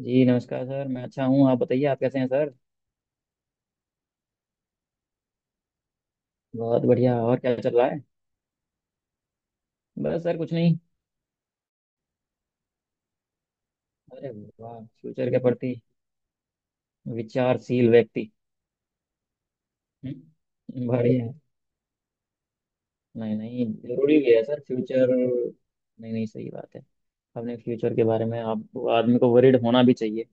जी नमस्कार सर, मैं अच्छा हूँ। आप बताइए, आप कैसे हैं सर? बहुत बढ़िया। और क्या चल रहा है? बस सर कुछ नहीं। अरे वाह, फ्यूचर के प्रति विचारशील व्यक्ति। बढ़िया है। नहीं नहीं, जरूरी भी है सर फ्यूचर। नहीं नहीं, सही बात है। अपने फ्यूचर के बारे में आप आदमी को वरीड होना भी चाहिए,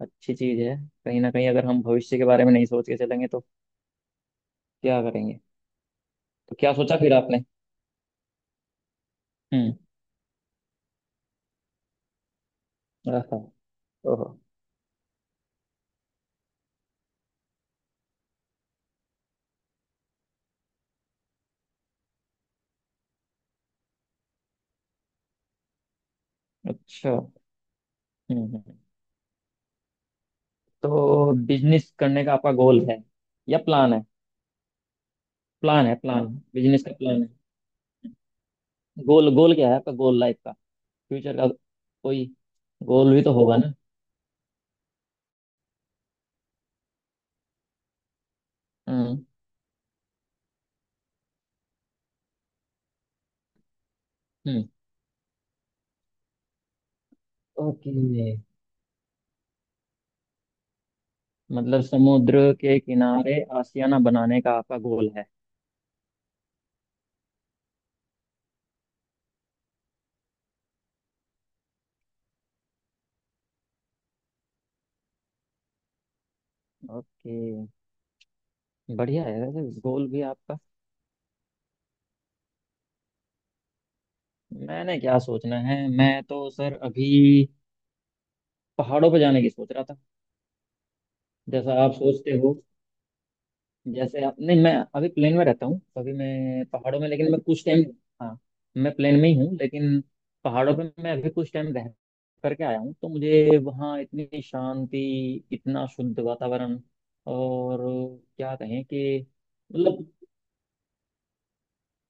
अच्छी चीज़ है। कहीं ना कहीं अगर हम भविष्य के बारे में नहीं सोच के चलेंगे तो क्या करेंगे? तो क्या सोचा फिर आपने? हम्म। आहा, ओहो। अच्छा। हम्म। तो बिजनेस करने का आपका गोल है या प्लान है? प्लान है, प्लान, हाँ, बिजनेस का प्लान है। गोल, गोल क्या है आपका, गोल लाइफ का, फ्यूचर का, कोई गोल भी तो होगा ना? हम्म हम्म। ओके। मतलब समुद्र के किनारे आशियाना बनाने का आपका गोल है। ओके, बढ़िया है वैसे गोल भी आपका। मैंने क्या सोचना है, मैं तो सर अभी पहाड़ों पर जाने की सोच रहा था। जैसा आप सोचते हो, जैसे आप। नहीं, मैं अभी प्लेन में रहता हूँ, अभी मैं पहाड़ों में, लेकिन मैं कुछ टाइम। हाँ, मैं प्लेन में ही हूँ, लेकिन पहाड़ों पे मैं अभी कुछ टाइम रह करके आया हूँ, तो मुझे वहाँ इतनी शांति, इतना शुद्ध वातावरण, और क्या कहें कि मतलब।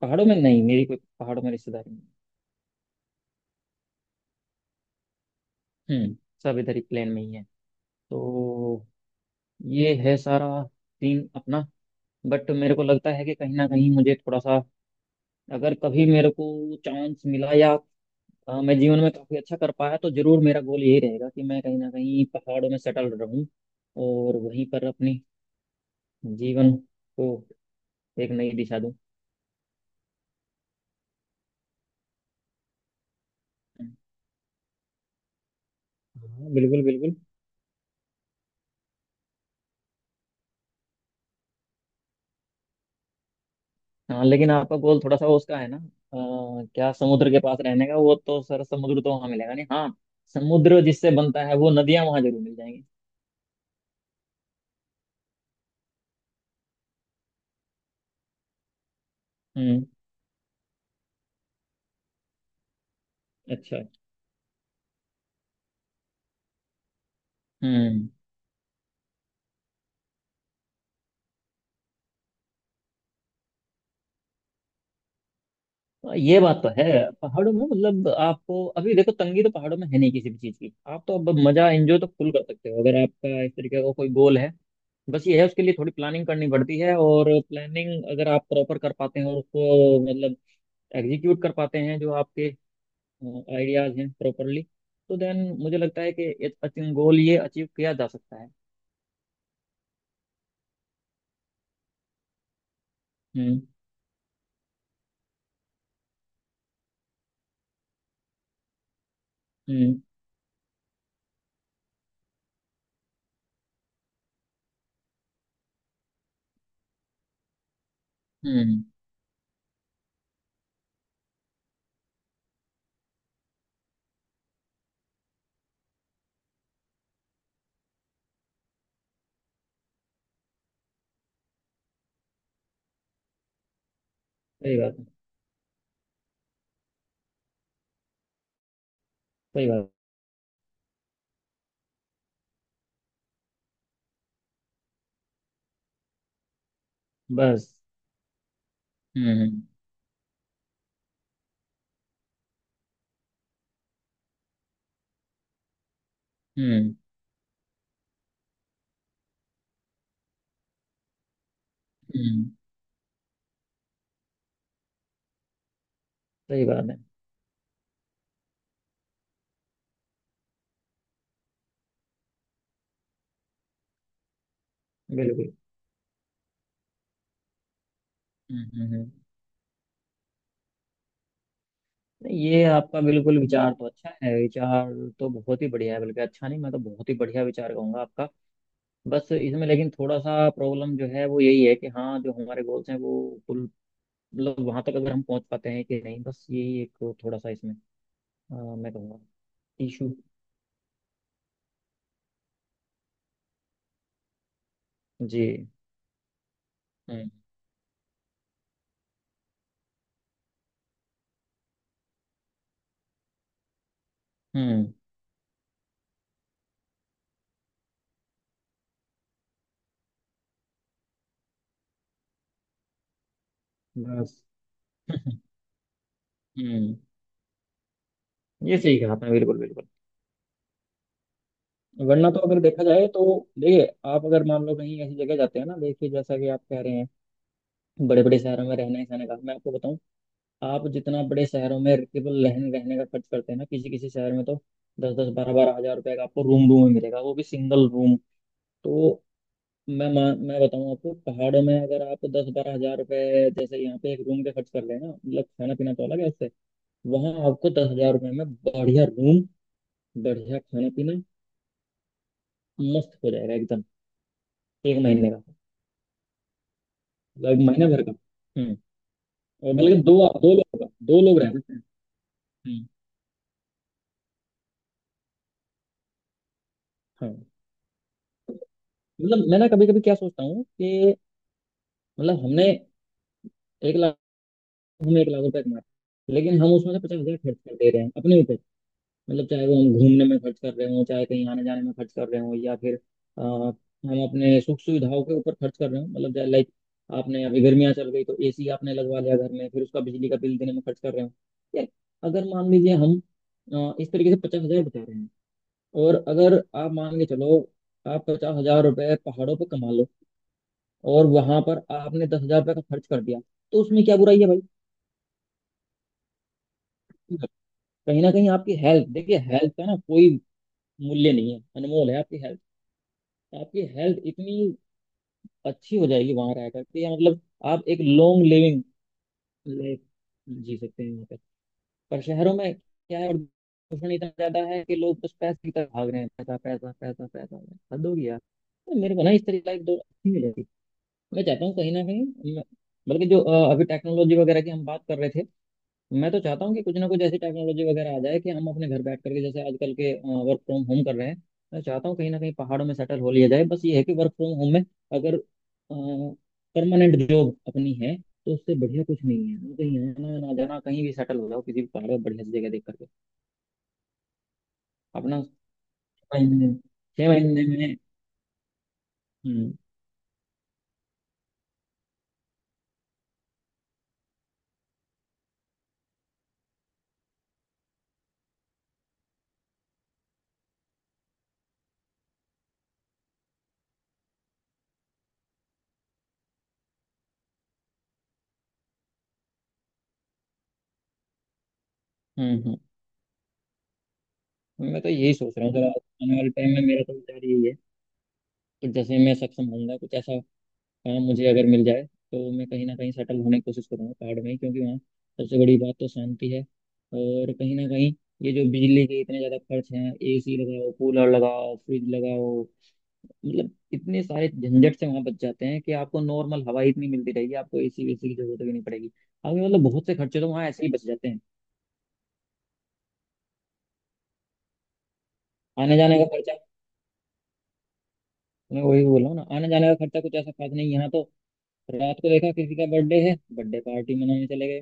पहाड़ों में नहीं, मेरी कोई पहाड़ों में रिश्तेदारी नहीं। हम्म। सब इधर ही प्लेन में ही है। तो ये है सारा सीन अपना। बट मेरे को लगता है कि कहीं ना कहीं मुझे थोड़ा सा, अगर कभी मेरे को चांस मिला या मैं जीवन में काफ़ी अच्छा कर पाया, तो जरूर मेरा गोल यही रहेगा कि मैं कहीं ना कहीं पहाड़ों में सेटल रहूं और वहीं पर अपनी जीवन को एक नई दिशा दूं। हाँ बिल्कुल बिल्कुल। हाँ लेकिन आपका गोल थोड़ा सा वो उसका है ना, क्या समुद्र के पास रहने का, वो तो सर समुद्र तो वहां मिलेगा नहीं। हाँ, समुद्र जिससे बनता है वो नदियां वहां जरूर मिल जाएंगी। हम्म। अच्छा। हम्म। हाँ, ये बात तो है। पहाड़ों में मतलब आपको अभी देखो, तंगी तो पहाड़ों में है नहीं किसी भी चीज की, आप तो अब मजा एंजॉय तो फुल कर सकते हो अगर आपका इस तरीके का कोई गोल है। बस ये है, उसके लिए थोड़ी प्लानिंग करनी पड़ती है, और प्लानिंग अगर आप प्रॉपर कर पाते हैं और उसको मतलब एग्जीक्यूट कर पाते हैं, जो आपके आइडियाज हैं प्रॉपरली, तो देन मुझे लगता है कि ये गोल, ये अचीव किया जा सकता है। हम्म हम्म हम्म। सही बात है। सही बात है। बस। हम्म हम्म हम्म। हम्म, सही बात है बिल्कुल। हम्म हम्म हम्म। ये आपका बिल्कुल विचार तो अच्छा है, विचार तो बहुत ही बढ़िया है, बल्कि अच्छा नहीं, मैं तो बहुत ही बढ़िया विचार कहूंगा आपका। बस इसमें लेकिन थोड़ा सा प्रॉब्लम जो है वो यही है कि हाँ, जो हमारे गोल्स हैं वो फुल, मतलब वहां तक अगर हम पहुंच पाते हैं कि नहीं, बस यही एक थोड़ा सा इसमें मैं कहूँगा इशू। जी। हम्म हम्म। बस। हम्म। ये सही कहा आपने, बिल्कुल बिल्कुल। वरना तो अगर देखा जाए तो, देखिए आप अगर मान लो कहीं ऐसी जगह जाते हैं ना, देखिए जैसा कि आप कह रहे हैं, बड़े बड़े शहरों में रहने सहने का, मैं आपको बताऊं, आप जितना बड़े शहरों में केवल रहने रहने का खर्च करते हैं ना, किसी किसी शहर में तो दस दस बारह बारह हज़ार रुपए का आपको रूम, रूम में मिलेगा, वो भी सिंगल रूम। तो मैं बताऊं आपको, पहाड़ों में अगर आप दस बारह हज़ार रुपए, जैसे यहाँ पे एक रूम पे खर्च कर लेना, मतलब खाना पीना तो अलग है उससे, वहां आपको दस हज़ार रुपए में बढ़िया रूम, बढ़िया खाना पीना, मस्त हो जाएगा एकदम। एक महीने का, मतलब महीने भर का। हम्म। और बल्कि दो, दो लोग का, दो लोग रह सकते हैं। हम्म। हाँ। मतलब मैं ना कभी कभी क्या सोचता हूँ कि मतलब हमने 1 लाख, हम 1 लाख रुपए कमा रहे हैं, लेकिन हम उसमें से 50 हज़ार खर्च कर दे रहे हैं अपने ऊपर, मतलब चाहे वो हम घूमने में खर्च कर रहे हो, चाहे कहीं आने जाने में खर्च कर रहे हो, या फिर हम अपने सुख सुविधाओं के ऊपर खर्च कर रहे हो, मतलब लाइक, आपने अभी गर्मियां चल गई तो एसी आपने लगवा लिया घर में, फिर उसका बिजली का बिल देने में खर्च कर रहे हो। यार, अगर मान लीजिए हम इस तरीके से 50 हज़ार बचा रहे हैं, और अगर आप मान के चलो आप 50 हज़ार रुपए पहाड़ों पर कमा लो और वहां पर आपने 10 हज़ार रुपये का खर्च कर दिया, तो उसमें क्या बुराई है भाई? कहीं ना कहीं आपकी हेल्थ, देखिए हेल्थ का ना कोई मूल्य नहीं है, अनमोल है आपकी हेल्थ। आपकी हेल्थ इतनी अच्छी हो जाएगी वहां रह करके, या मतलब आप एक लॉन्ग लिविंग लाइफ जी सकते हैं वहाँ पे। पर शहरों में क्या है, प्रदूषण इतना ज्यादा है कि लोग बस पैसे की तरफ भाग रहे हैं, पैसा पैसा पैसा पैसा, हद हो गई यार। तो मेरे को ना इस तरह की लाइफ दो अच्छी मिलेगी। मैं चाहता हूँ कहीं ना कहीं बल्कि जो अभी टेक्नोलॉजी वगैरह की हम बात कर रहे थे, मैं तो चाहता हूँ कि कुछ ना कुछ ऐसी टेक्नोलॉजी वगैरह आ जाए कि हम अपने घर बैठ करके, जैसे आजकल के वर्क फ्रॉम होम कर रहे हैं, मैं चाहता हूँ कहीं ना कहीं पहाड़ों में सेटल हो लिया जाए। बस ये है कि वर्क फ्रॉम होम में अगर परमानेंट जॉब अपनी है, तो उससे बढ़िया कुछ नहीं है, हम कहीं आना ना जाना, कहीं भी सेटल हो जाओ किसी भी पहाड़ पर बढ़िया सी जगह देख करके अपना। 6 महीने, 6 महीने में। हम्म हम्म। मैं तो यही सोच रहा हूँ सर आने वाले टाइम में, मेरा तो विचार यही है कि जैसे मैं सक्षम होऊंगा, कुछ ऐसा काम मुझे अगर मिल जाए, तो मैं कहीं ना कहीं सेटल होने की कोशिश करूंगा पहाड़ में ही, क्योंकि वहाँ सबसे बड़ी बात तो शांति है, और कहीं ना कहीं ये जो बिजली के इतने ज़्यादा खर्च हैं, एसी लगाओ कूलर लगाओ फ्रिज लगाओ, मतलब इतने सारे झंझट से वहाँ बच जाते हैं कि आपको नॉर्मल हवा ही इतनी मिलती रहेगी, आपको एसी वेसी की जरूरत भी नहीं पड़ेगी, आपके मतलब बहुत से खर्चे तो वहाँ ऐसे ही बच जाते हैं। आने जाने का खर्चा, मैं वही बोल रहा हूँ ना, आने जाने का खर्चा कुछ ऐसा खास नहीं यहाँ तो, रात को देखा किसी का बर्थडे है, बर्थडे पार्टी मनाने चले गए,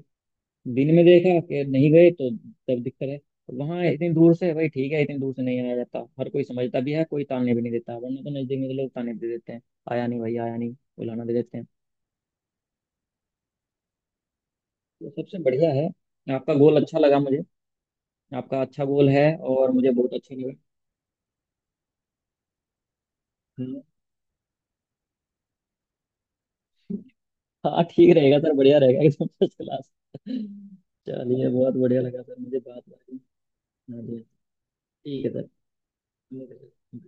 दिन में देखा कि नहीं गए तो तब दिक्कत है। वहां इतनी दूर से भाई, ठीक है इतनी दूर से नहीं आया जाता, हर कोई समझता भी है, कोई ताने भी नहीं देता, वरना तो नजदीक में तो लोग ताने भी दे देते हैं, आया नहीं भाई आया नहीं, बुलाना दे देते हैं। तो सबसे बढ़िया है, आपका गोल अच्छा लगा मुझे, आपका अच्छा गोल है, और मुझे बहुत अच्छा लगा। हम्म। हाँ ठीक रहेगा सर, बढ़िया रहेगा एकदम फर्स्ट क्लास। चलिए बहुत बढ़िया लगा सर मुझे बात करके। हाँ जी। ठीक है सर। Okay sir.